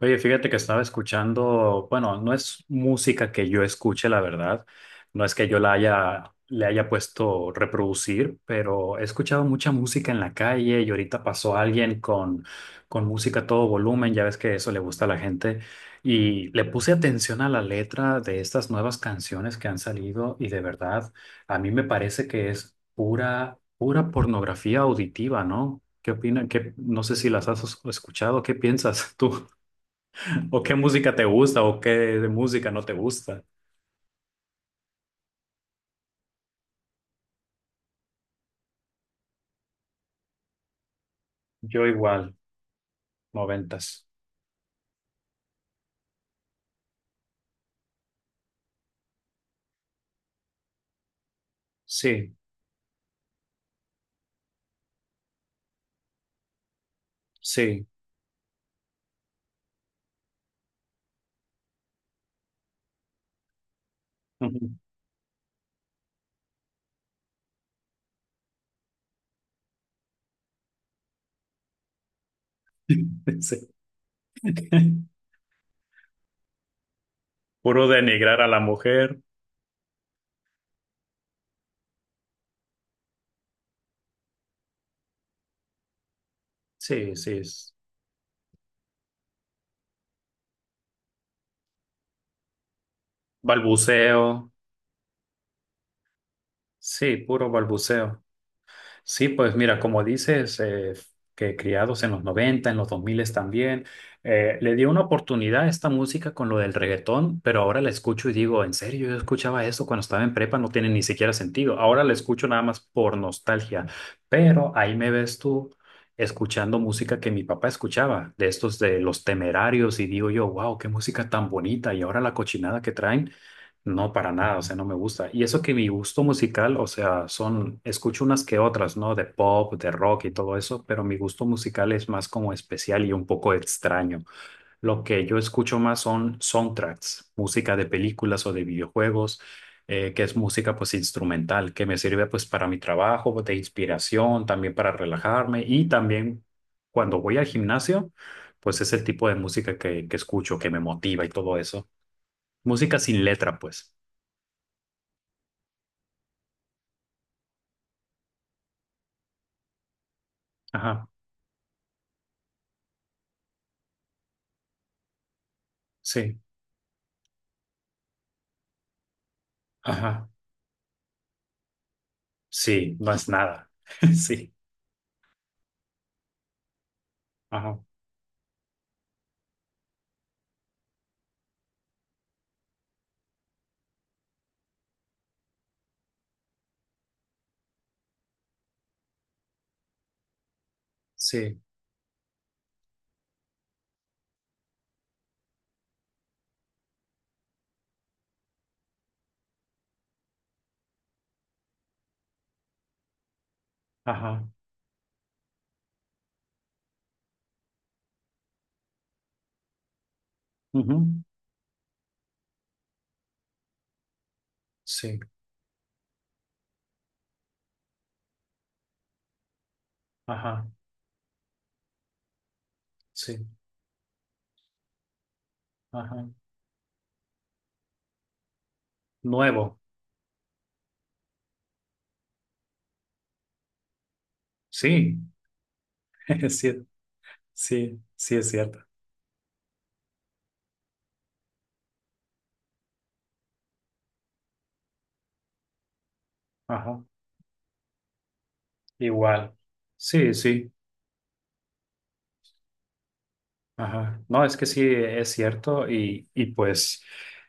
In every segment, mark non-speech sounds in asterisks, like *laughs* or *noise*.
Oye, fíjate que estaba escuchando, bueno, no es música que yo escuche, la verdad, no es que yo le haya puesto reproducir, pero he escuchado mucha música en la calle y ahorita pasó alguien con música a todo volumen, ya ves que eso le gusta a la gente, y le puse atención a la letra de estas nuevas canciones que han salido y de verdad, a mí me parece que es pura pornografía auditiva, ¿no? ¿Qué opinan? No sé si las has escuchado, ¿qué piensas tú? ¿O qué música te gusta o qué de música no te gusta? Yo igual, noventas. Sí, sí. Ujú. *laughs* Sí. Puro denigrar a la mujer. Sí, sí. es Balbuceo. Sí, puro balbuceo. Sí, pues mira, como dices, que criados en los 90, en los 2000 también, le dio una oportunidad a esta música con lo del reggaetón, pero ahora la escucho y digo, en serio, yo escuchaba eso cuando estaba en prepa, no tiene ni siquiera sentido. Ahora la escucho nada más por nostalgia, pero ahí me ves tú escuchando música que mi papá escuchaba, de estos de Los Temerarios, y digo yo, wow, qué música tan bonita, y ahora la cochinada que traen. No, para nada, o sea, no me gusta. Y eso que mi gusto musical, o sea, son, escucho unas que otras, ¿no? De pop, de rock y todo eso, pero mi gusto musical es más como especial y un poco extraño. Lo que yo escucho más son soundtracks, música de películas o de videojuegos, que es música pues instrumental, que me sirve pues para mi trabajo, de inspiración, también para relajarme y también cuando voy al gimnasio, pues es el tipo de música que escucho, que me motiva y todo eso. Música sin letra, pues. Ajá. Sí, ajá, sí, no es nada. *laughs* Sí, ajá, sí, ajá, ujú. Sí, ajá, sí, ajá. Nuevo, sí. *laughs* es cier- sí, sí es cierto. Ajá, igual. Sí, sí. Ajá. No, es que sí, es cierto.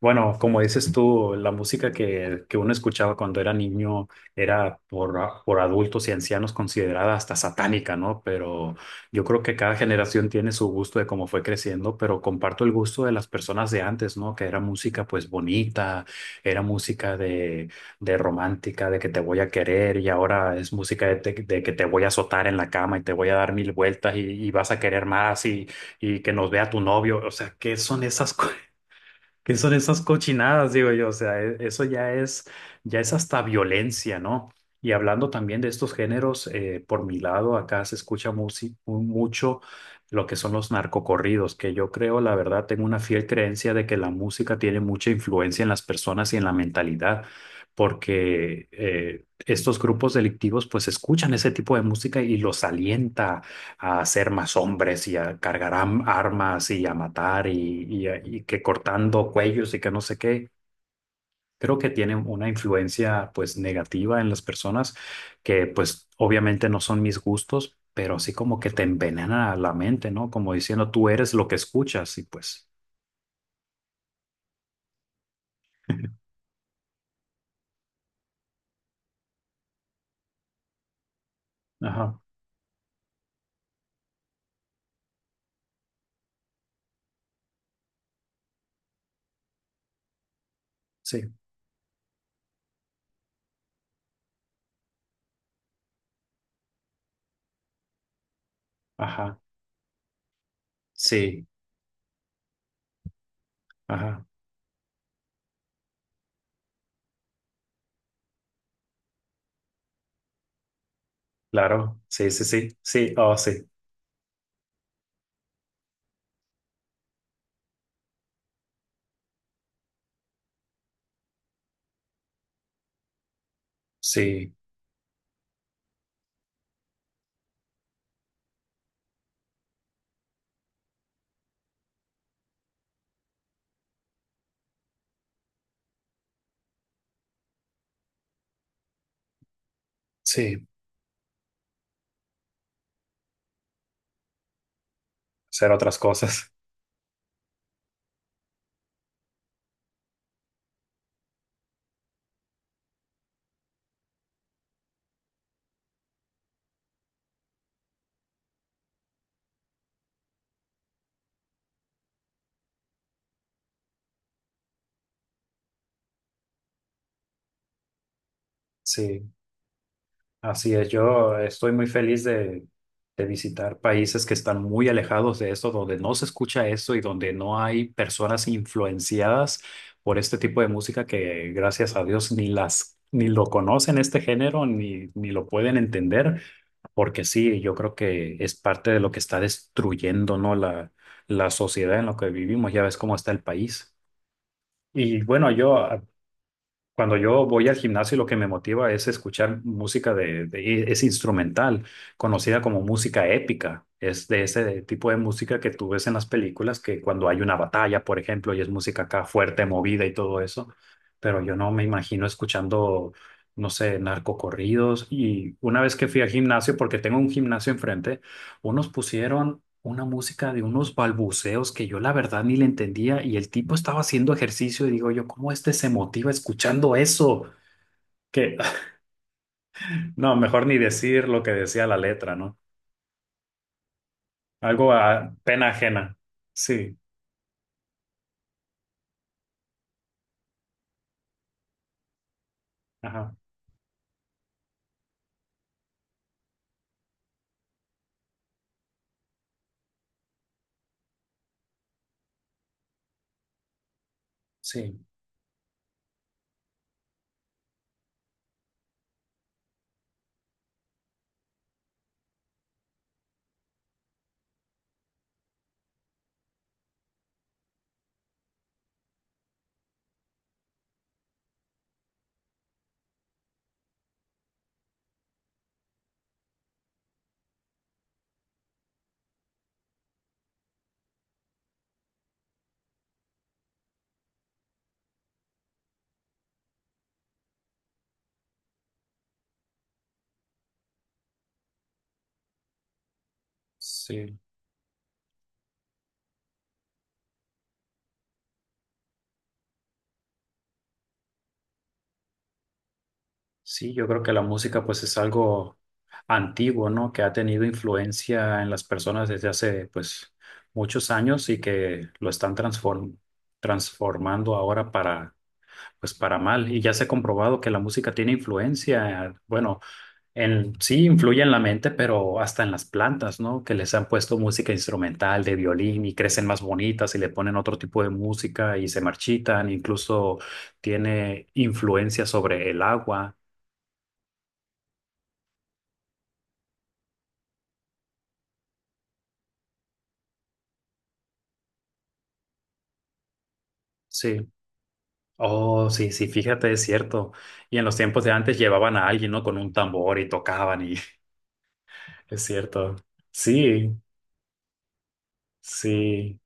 Bueno, como dices tú, la música que uno escuchaba cuando era niño era por adultos y ancianos considerada hasta satánica, ¿no? Pero yo creo que cada generación tiene su gusto de cómo fue creciendo, pero comparto el gusto de las personas de antes, ¿no? Que era música pues bonita, era música de romántica, de que te voy a querer y ahora es música de que te voy a azotar en la cama y te voy a dar mil vueltas y vas a querer más y que nos vea tu novio, o sea, ¿qué son esas, co- *laughs* ¿qué son esas cochinadas? Digo yo, o sea, eso ya es hasta violencia, ¿no? Y hablando también de estos géneros, por mi lado, acá se escucha mucho lo que son los narcocorridos, que yo creo, la verdad, tengo una fiel creencia de que la música tiene mucha influencia en las personas y en la mentalidad, porque estos grupos delictivos pues escuchan ese tipo de música y los alienta a ser más hombres y a cargar armas y a matar y que cortando cuellos y que no sé qué. Creo que tiene una influencia pues negativa en las personas que pues obviamente no son mis gustos, pero así como que te envenena la mente, ¿no? Como diciendo tú eres lo que escuchas y pues, ajá, sí, ajá, sí, ajá, claro, sí, sí, sí, sí, oh, sí, sí, sí, hacer otras cosas. *laughs* Sí. Así es, yo estoy muy feliz de visitar países que están muy alejados de esto, donde no se escucha esto y donde no hay personas influenciadas por este tipo de música gracias a Dios, ni lo conocen este género, ni lo pueden entender, porque sí, yo creo que es parte de lo que está destruyendo, ¿no? La sociedad en la que vivimos, ya ves cómo está el país. Y bueno, yo cuando yo voy al gimnasio, lo que me motiva es escuchar música es instrumental, conocida como música épica. Es de ese tipo de música que tú ves en las películas, que cuando hay una batalla, por ejemplo, y es música acá fuerte, movida y todo eso. Pero yo no me imagino escuchando, no sé, narcocorridos. Y una vez que fui al gimnasio, porque tengo un gimnasio enfrente, unos pusieron una música de unos balbuceos que yo la verdad ni le entendía y el tipo estaba haciendo ejercicio y digo yo, ¿cómo este se motiva escuchando eso? Que *laughs* no, mejor ni decir lo que decía la letra, ¿no? Algo a pena ajena. Sí, ajá, sí, sí, sí, yo creo que la música pues es algo antiguo, ¿no? Que ha tenido influencia en las personas desde hace pues muchos años y que lo están transformando ahora para pues para mal. Y ya se ha comprobado que la música tiene influencia, bueno, en, sí influye en la mente, pero hasta en las plantas, ¿no? Que les han puesto música instrumental de violín y crecen más bonitas y le ponen otro tipo de música y se marchitan, incluso tiene influencia sobre el agua, sí. Oh, sí, sí, fíjate, es cierto. Y en los tiempos de antes llevaban a alguien, ¿no? Con un tambor y tocaban y *laughs* es cierto. Sí, sí.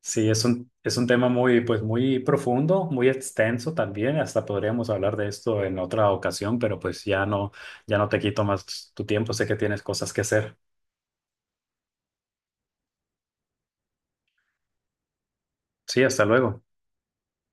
Sí, es un tema muy, pues, muy profundo, muy extenso también. Hasta podríamos hablar de esto en otra ocasión, pero pues ya no, ya no te quito más tu tiempo. Sé que tienes cosas que hacer. Sí, hasta luego.